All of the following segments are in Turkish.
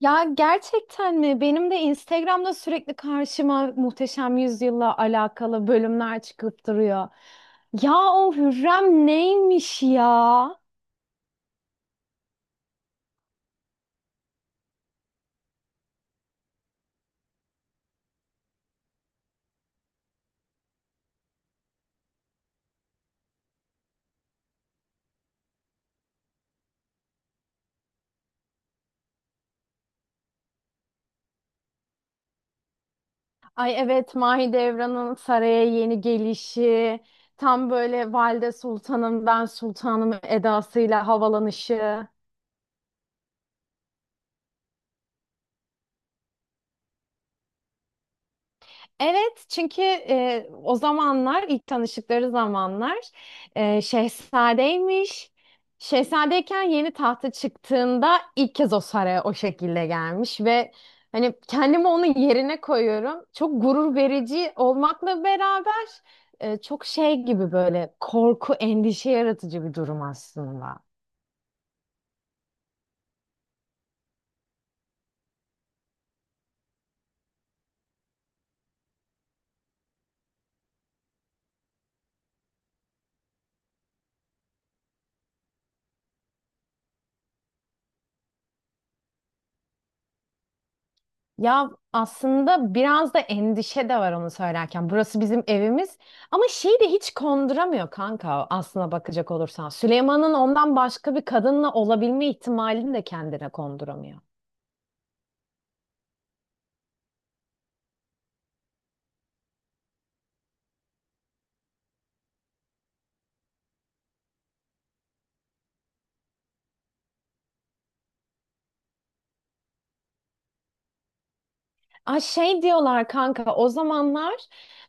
Ya gerçekten mi? Benim de Instagram'da sürekli karşıma Muhteşem Yüzyıl'la alakalı bölümler çıkıp duruyor. Ya o Hürrem neymiş ya? Ay evet, Mahidevran'ın saraya yeni gelişi, tam böyle Valide Sultanım ben Sultanım edasıyla havalanışı. Evet, çünkü o zamanlar ilk tanıştıkları zamanlar şehzadeymiş. Şehzadeyken yeni tahta çıktığında ilk kez o saraya o şekilde gelmiş ve hani kendimi onun yerine koyuyorum. Çok gurur verici olmakla beraber çok şey gibi böyle korku, endişe yaratıcı bir durum aslında. Ya aslında biraz da endişe de var onu söylerken. Burası bizim evimiz ama şeyi de hiç konduramıyor kanka, aslına bakacak olursan. Süleyman'ın ondan başka bir kadınla olabilme ihtimalini de kendine konduramıyor. Ay şey diyorlar kanka, o zamanlar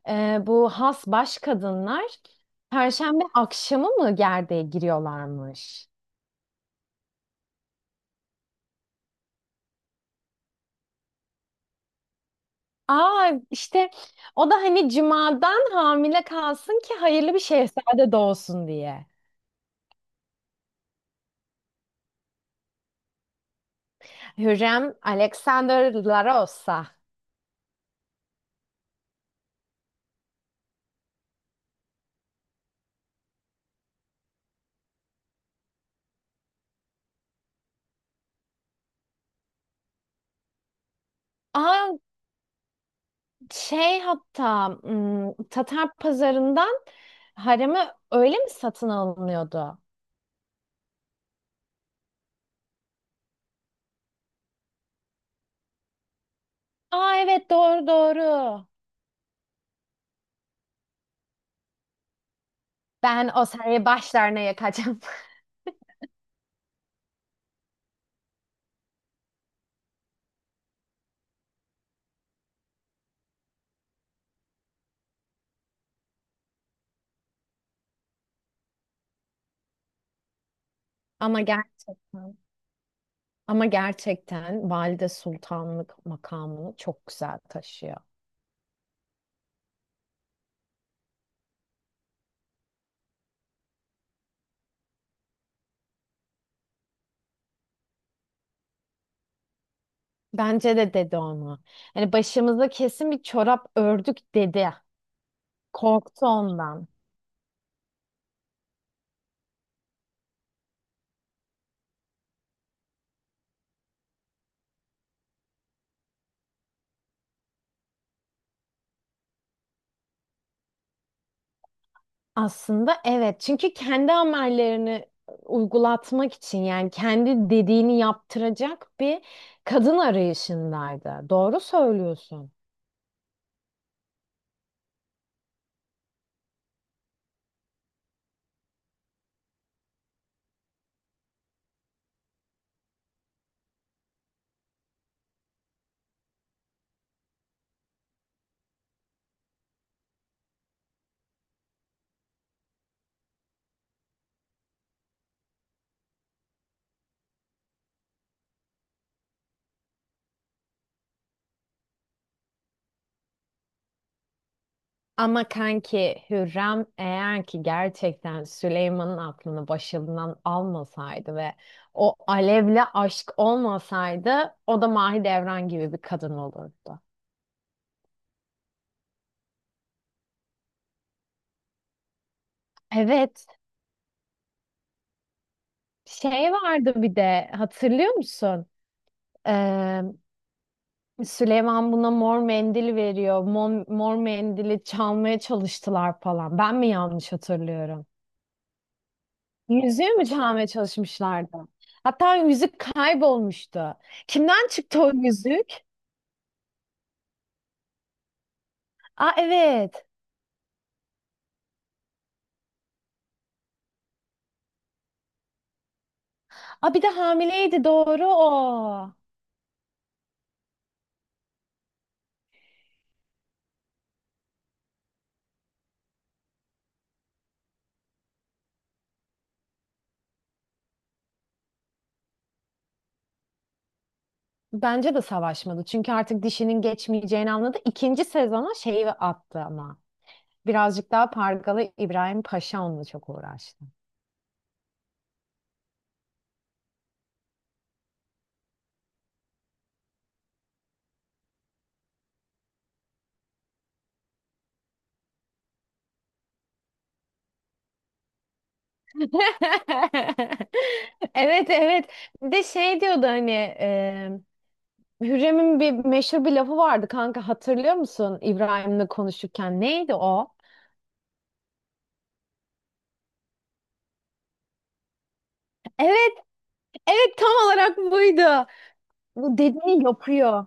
bu has baş kadınlar Perşembe akşamı mı gerdeğe giriyorlarmış? Aa işte, o da hani cumadan hamile kalsın ki hayırlı bir şehzade doğsun diye. Hürrem Alexander Larosa. Aa şey, hatta Tatar pazarından haremi öyle mi satın alınıyordu? Aa evet, doğru doğru. Ben o sarayı başlarına yakacağım. Ama gerçekten, ama gerçekten Valide Sultanlık makamını çok güzel taşıyor. Bence de dedi onu. Hani başımıza kesin bir çorap ördük dedi. Korktu ondan. Aslında evet, çünkü kendi amellerini uygulatmak için, yani kendi dediğini yaptıracak bir kadın arayışındaydı. Doğru söylüyorsun. Ama kanki Hürrem eğer ki gerçekten Süleyman'ın aklını başından almasaydı ve o alevle aşk olmasaydı, o da Mahidevran gibi bir kadın olurdu. Evet, şey vardı bir de, hatırlıyor musun? Ee, Süleyman buna mor mendil veriyor. Mor mendili çalmaya çalıştılar falan. Ben mi yanlış hatırlıyorum? Yüzüğü mü çalmaya çalışmışlardı? Hatta yüzük kaybolmuştu. Kimden çıktı o yüzük? Aa evet. Aa bir de hamileydi, doğru o. Bence de savaşmadı. Çünkü artık dişinin geçmeyeceğini anladı. İkinci sezona şeyi attı ama. Birazcık daha Pargalı İbrahim Paşa onunla çok uğraştı. Evet evet. Bir de şey diyordu hani, e, Hürrem'in bir meşhur bir lafı vardı kanka, hatırlıyor musun İbrahim'le konuşurken neydi o? Evet, evet tam olarak buydu. Bu dediğini yapıyor.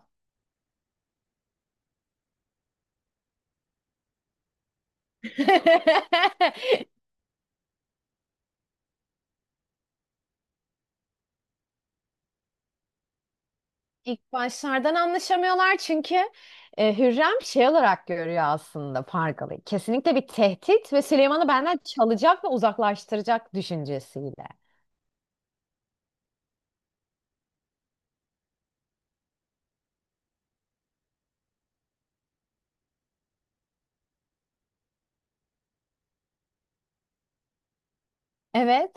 İlk başlardan anlaşamıyorlar, çünkü Hürrem şey olarak görüyor aslında Pargalı. Kesinlikle bir tehdit ve Süleyman'ı benden çalacak ve uzaklaştıracak düşüncesiyle. Evet.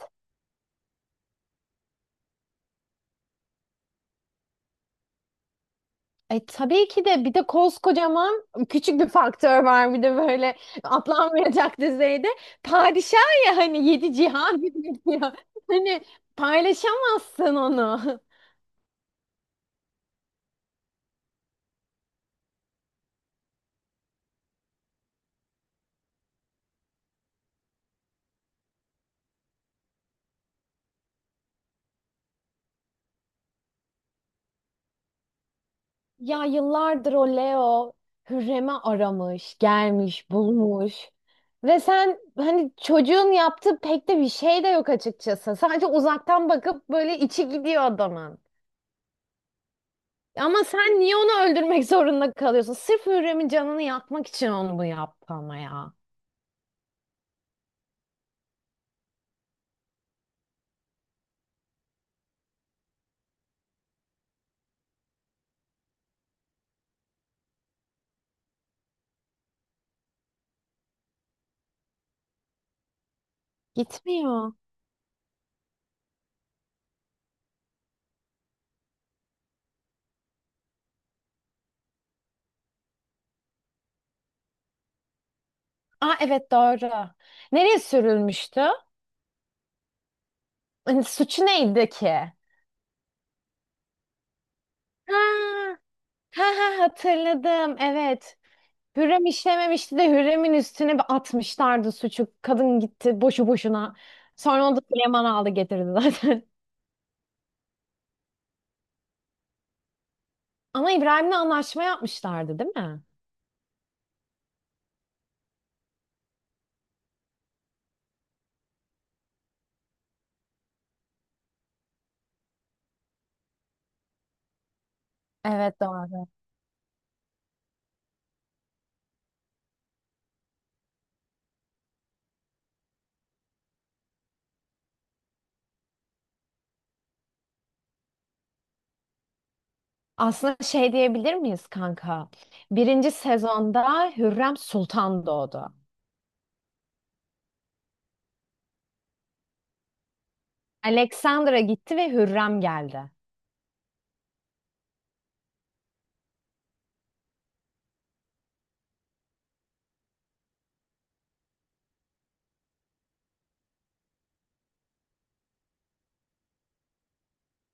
Tabii ki de bir de koskocaman küçük bir faktör var, bir de böyle atlanmayacak düzeyde. Padişah ya, hani yedi cihan diyor. Hani paylaşamazsın onu. Ya yıllardır o Leo Hürrem'i aramış, gelmiş, bulmuş. Ve sen hani çocuğun yaptığı pek de bir şey de yok açıkçası. Sadece uzaktan bakıp böyle içi gidiyor adamın. Ama sen niye onu öldürmek zorunda kalıyorsun? Sırf Hürrem'in canını yakmak için onu bu yaptı ama ya. Gitmiyor. Aa evet, doğru. Nereye sürülmüştü? Hani suçu neydi ki? Ha, ha, ha hatırladım. Evet. Hürrem işlememişti de Hürrem'in üstüne bir atmışlardı suçu. Kadın gitti boşu boşuna. Sonra onu da Süleyman aldı getirdi zaten. Ama İbrahim'le anlaşma yapmışlardı değil mi? Evet, doğru. Aslında şey diyebilir miyiz kanka? Birinci sezonda Hürrem Sultan doğdu. Alexandra gitti ve Hürrem geldi.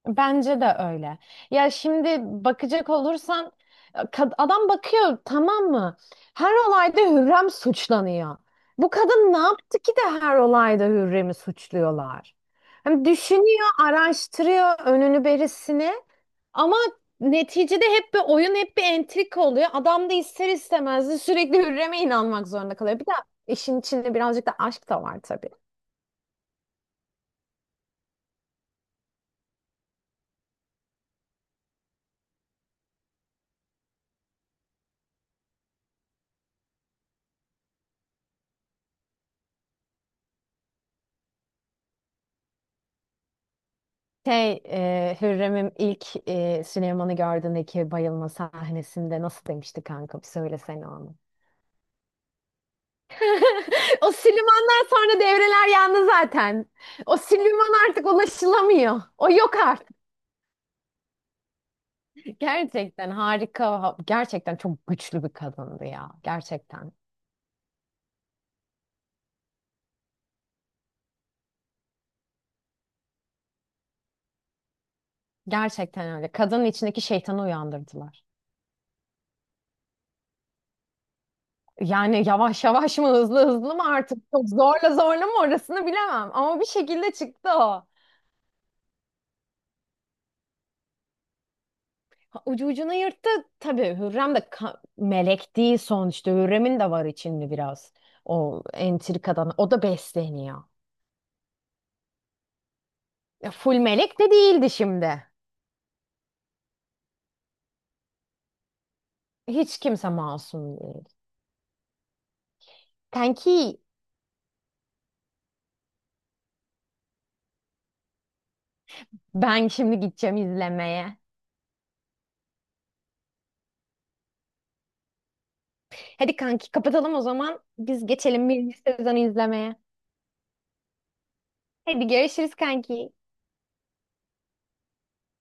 Bence de öyle. Ya şimdi bakacak olursan, kad- adam bakıyor, tamam mı? Her olayda Hürrem suçlanıyor. Bu kadın ne yaptı ki de her olayda Hürrem'i suçluyorlar? Hani düşünüyor, araştırıyor önünü berisini. Ama neticede hep bir oyun, hep bir entrika oluyor. Adam da ister istemez de sürekli Hürrem'e inanmak zorunda kalıyor. Bir de işin içinde birazcık da aşk da var tabii. Şey, Hürrem'in ilk Süleyman'ı gördüğündeki bayılma sahnesinde nasıl demişti kanka? Bir söylesene onu. O Süleyman'dan sonra devreler yandı zaten. O Süleyman artık ulaşılamıyor. O yok artık. Gerçekten harika. Ha- Gerçekten çok güçlü bir kadındı ya. Gerçekten. Gerçekten öyle. Kadının içindeki şeytanı uyandırdılar. Yani yavaş yavaş mı hızlı hızlı mı artık çok zorla zorla mı orasını bilemem. Ama bir şekilde çıktı o. Ha, ucu ucuna yırttı. Tabii Hürrem de ka- melek değil sonuçta. Hürrem'in de var içinde biraz. O entrikadan. O da besleniyor. Full melek de değildi şimdi. Hiç kimse masum değil. Kanki ben şimdi gideceğim izlemeye. Hadi kanki kapatalım o zaman. Biz geçelim birinci sezonu izlemeye. Hadi görüşürüz kanki.